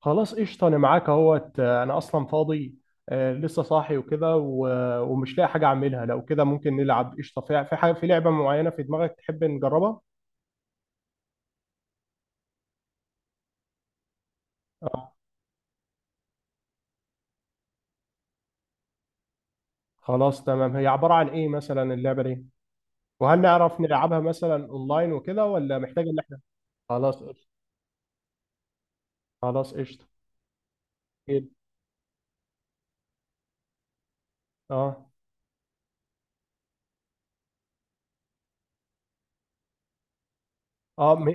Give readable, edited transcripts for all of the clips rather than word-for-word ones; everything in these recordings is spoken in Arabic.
خلاص قشطة. أنا معاك أهوت. أنا أصلا فاضي. آه، لسه صاحي وكده ومش لاقي حاجة أعملها. لو كده ممكن نلعب قشطة. في حاجة، في لعبة معينة في دماغك تحب نجربها؟ آه. خلاص تمام، هي عبارة عن إيه مثلا اللعبة دي؟ وهل نعرف نلعبها مثلا أونلاين وكده ولا محتاج إن إحنا؟ خلاص قشطة. خلاص قشطة. أكيد. أه أه م...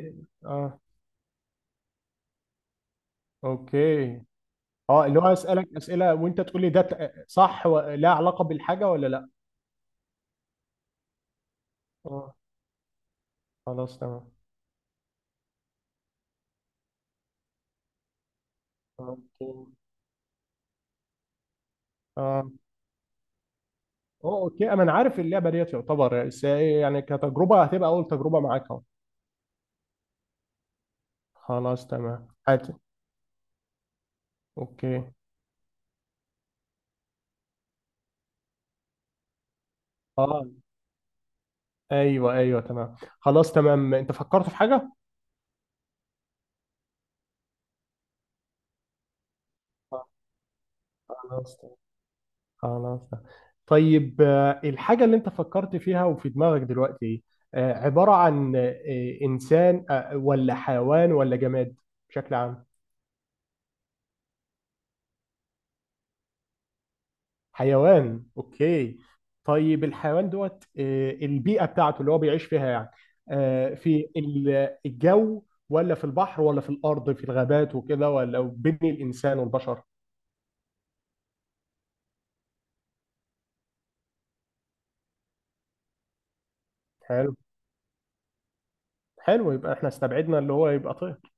أه أوكي. اللي هو أسألك أسئلة، وأنت تقول لي ده صح ولا علاقة بالحاجة ولا لأ؟ أه. خلاص تمام. أوكي. آه. اه، اوكي، انا عارف اللعبه ديت يعتبر. بس هي يعني كتجربه هتبقى اول تجربه معاك اهو. خلاص تمام حاتم. اوكي، اه، ايوه، ايوه، تمام، خلاص تمام. انت فكرت في حاجه. آه. خلاص تمام. خلاص تمام. طيب، الحاجه اللي انت فكرت فيها وفي دماغك دلوقتي ايه؟ عباره عن انسان، ولا حيوان ولا جماد بشكل عام؟ حيوان، اوكي. طيب الحيوان دوت، البيئة بتاعته اللي هو بيعيش فيها يعني، في الجو ولا في البحر ولا في الأرض في الغابات وكده ولا بين الإنسان والبشر؟ حلو، حلو، يبقى احنا استبعدنا اللي هو يبقى طير.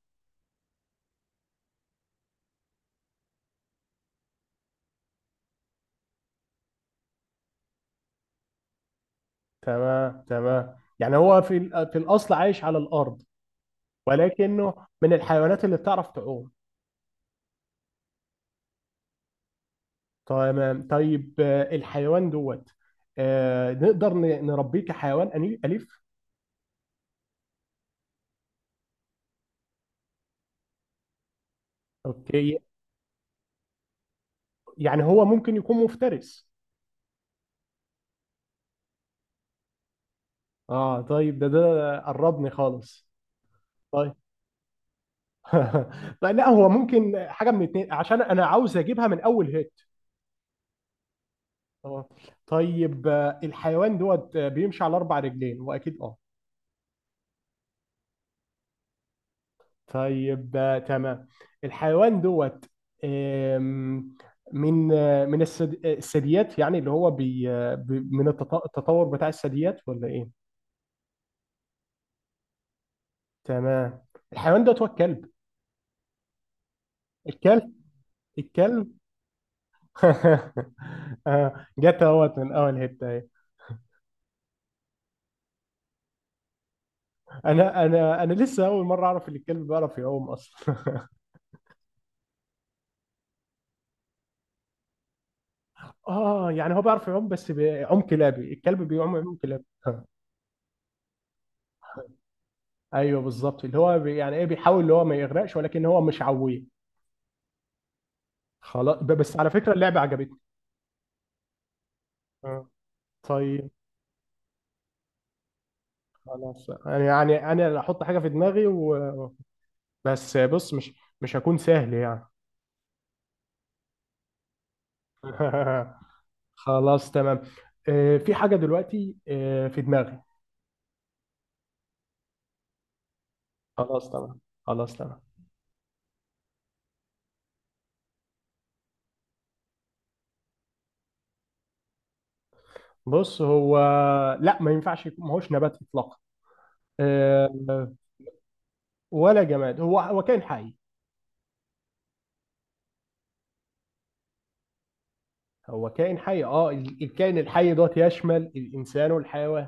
تمام، تمام، يعني هو في الأصل عايش على الأرض، ولكنه من الحيوانات اللي بتعرف تعوم. تمام. طيب الحيوان دوت، نقدر نربيه كحيوان أليف؟ اوكي. يعني هو ممكن يكون مفترس. اه طيب، ده قربني خالص. طيب. طيب، لا هو ممكن حاجه من اتنين عشان انا عاوز اجيبها من اول هيت. اه. طيب الحيوان دوت بيمشي على اربع رجلين واكيد؟ اه. طيب تمام. الحيوان دوت، آم، من الثدييات، يعني اللي هو من التطور بتاع الثدييات ولا ايه؟ تمام. الحيوان دوت هو الكلب. الكلب. الكلب. جت اهوت من اول حته اهي. انا لسه اول مره اعرف ان الكلب بيعرف يعوم اصلا. اه، يعني هو بيعرف يعوم بس بيعوم كلابي. الكلب بيعوم، كلابي. ايوه بالظبط، اللي هو يعني ايه، بيحاول اللي هو ما يغرقش، ولكن هو مش عويه. خلاص، بس على فكره اللعبه عجبتني. آه، طيب. خلاص، انا يعني انا اللي احط حاجه في دماغي و... بس بص، مش هكون سهل يعني. خلاص تمام. في حاجه دلوقتي في دماغي. خلاص تمام. خلاص تمام. بص هو، لا ما ينفعش يكون، ما هوش نبات اطلاقا. آه، ولا جماد، هو كائن حي. هو كائن حي. الكائن الحي دوت يشمل الانسان والحيوان.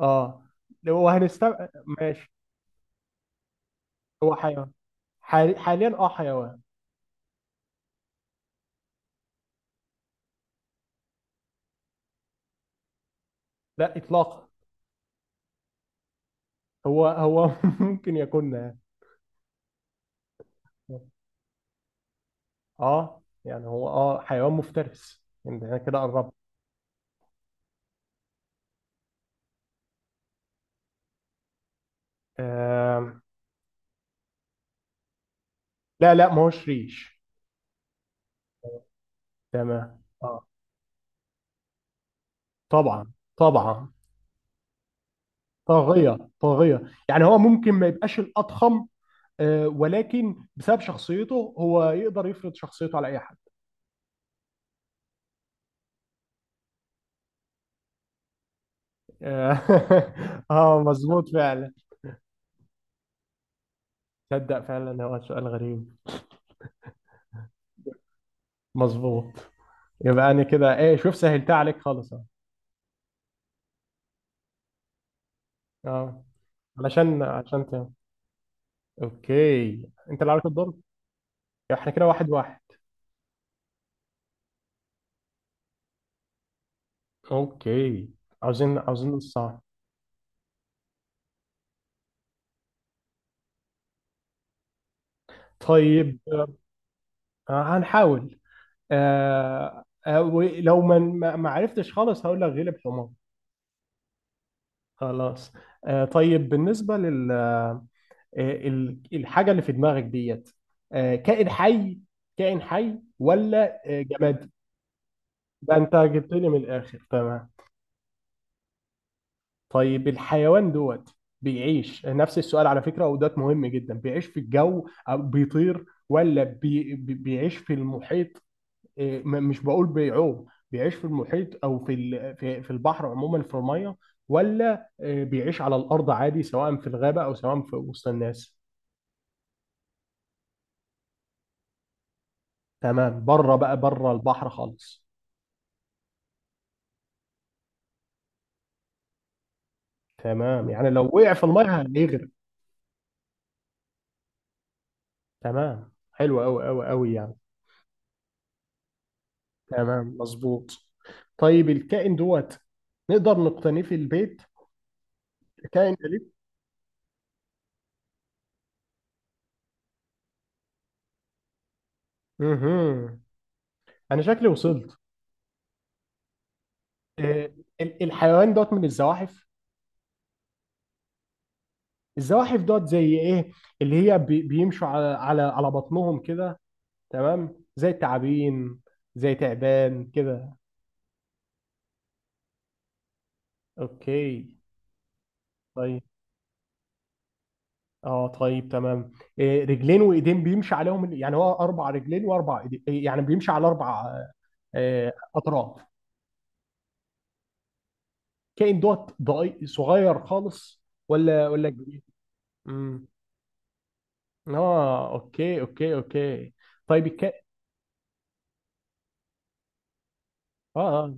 اه، لو هنستبعد، ماشي. هو حيوان. حاليا حيوان. لا اطلاقا. هو ممكن يكون. اه، يعني هو حيوان مفترس، يعني انا كده قربت. آه. لا، لا، ما هوش ريش. تمام، اه. طبعا، طبعا. طاغية، طاغية. يعني هو ممكن ما يبقاش الأضخم، ولكن بسبب شخصيته هو يقدر يفرض شخصيته على أي حد. آه. آه، مظبوط فعلا. تصدق فعلا هو سؤال غريب. مظبوط. يبقى أنا كده إيه، شوف سهلتها عليك خالص أهو. آه. علشان عشان ت... أوكي. أنت اللي عليك الدور. إحنا كده واحد واحد. أوكي. عاوزين، عاوزين الصعب. طيب هنحاول. ولو ما عرفتش خالص هقول لك غلب حمار. خلاص. طيب، بالنسبة لل الحاجة اللي في دماغك ديت، كائن حي؟ كائن حي ولا جماد؟ ده انت جبت لي من الآخر تمام. طيب الحيوان دوت بيعيش، نفس السؤال على فكرة ودوت مهم جدا، بيعيش في الجو أو بيطير ولا بيعيش في المحيط؟ إيه، مش بقول بيعوم. بيعيش في المحيط او في البحر عموما في الميه، ولا إيه، بيعيش على الارض عادي سواء في الغابه او سواء في وسط الناس؟ تمام، بره بقى بره البحر خالص. تمام، يعني لو وقع في الميه هيغرق. تمام، حلو قوي قوي قوي يعني. تمام، مظبوط. طيب الكائن دوت نقدر نقتنيه في البيت؟ كائن اليف. مهم. انا شكلي وصلت. إيه، الحيوان دوت من الزواحف؟ الزواحف دوت زي ايه؟ اللي هي بيمشوا على بطنهم كده، تمام، زي التعابين، زي تعبان كده. اوكي. طيب، اه طيب تمام. إيه، رجلين وايدين بيمشي عليهم، يعني هو اربع رجلين واربع ايدين، إيه، يعني بيمشي على اربع اطراف. كائن دوت صغير خالص، ولا كبير؟ امم اه، اوكي، اوكي، اوكي. طيب الكائن. اه، اه.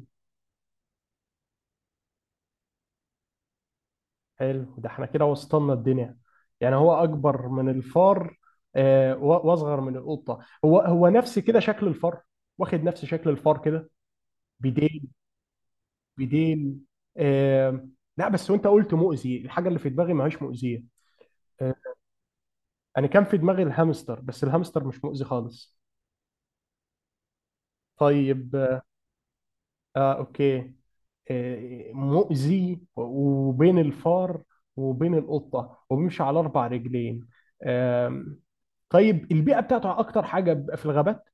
حلو، ده احنا كده وصلنا الدنيا. يعني هو اكبر من الفار واصغر من القطه؟ هو نفس كده شكل الفار، واخد نفس شكل الفار كده. بديل، بديل. آه. لا، بس وانت قلت مؤذي، الحاجه اللي في دماغي ما هيش مؤذيه. آه، انا كان في دماغي الهامستر، بس الهامستر مش مؤذي خالص. طيب اوكي. مؤذي وبين الفار وبين القطه وبيمشي على اربع رجلين؟ طيب البيئة بتاعته أكتر حاجة بيبقى في الغابات.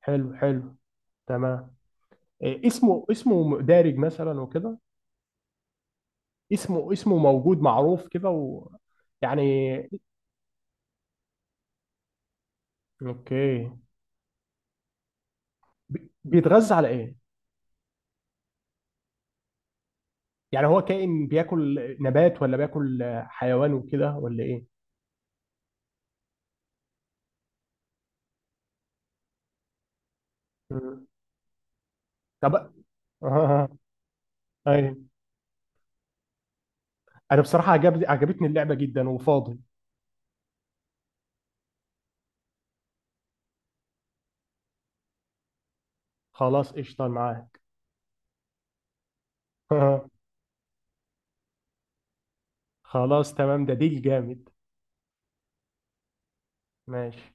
حلو، حلو. تمام. إيه اسمه، دارج مثلا وكده؟ اسمه، موجود معروف كده و... يعني. أوكي. بيتغذى على إيه؟ يعني هو كائن بياكل نبات ولا بياكل حيوان وكده ولا إيه؟ مم. طب. آه، أيوه. أنا بصراحة عجبتني اللعبة جدا وفاضي. خلاص قشطة معاك. خلاص تمام، ده ديل جامد. ماشي.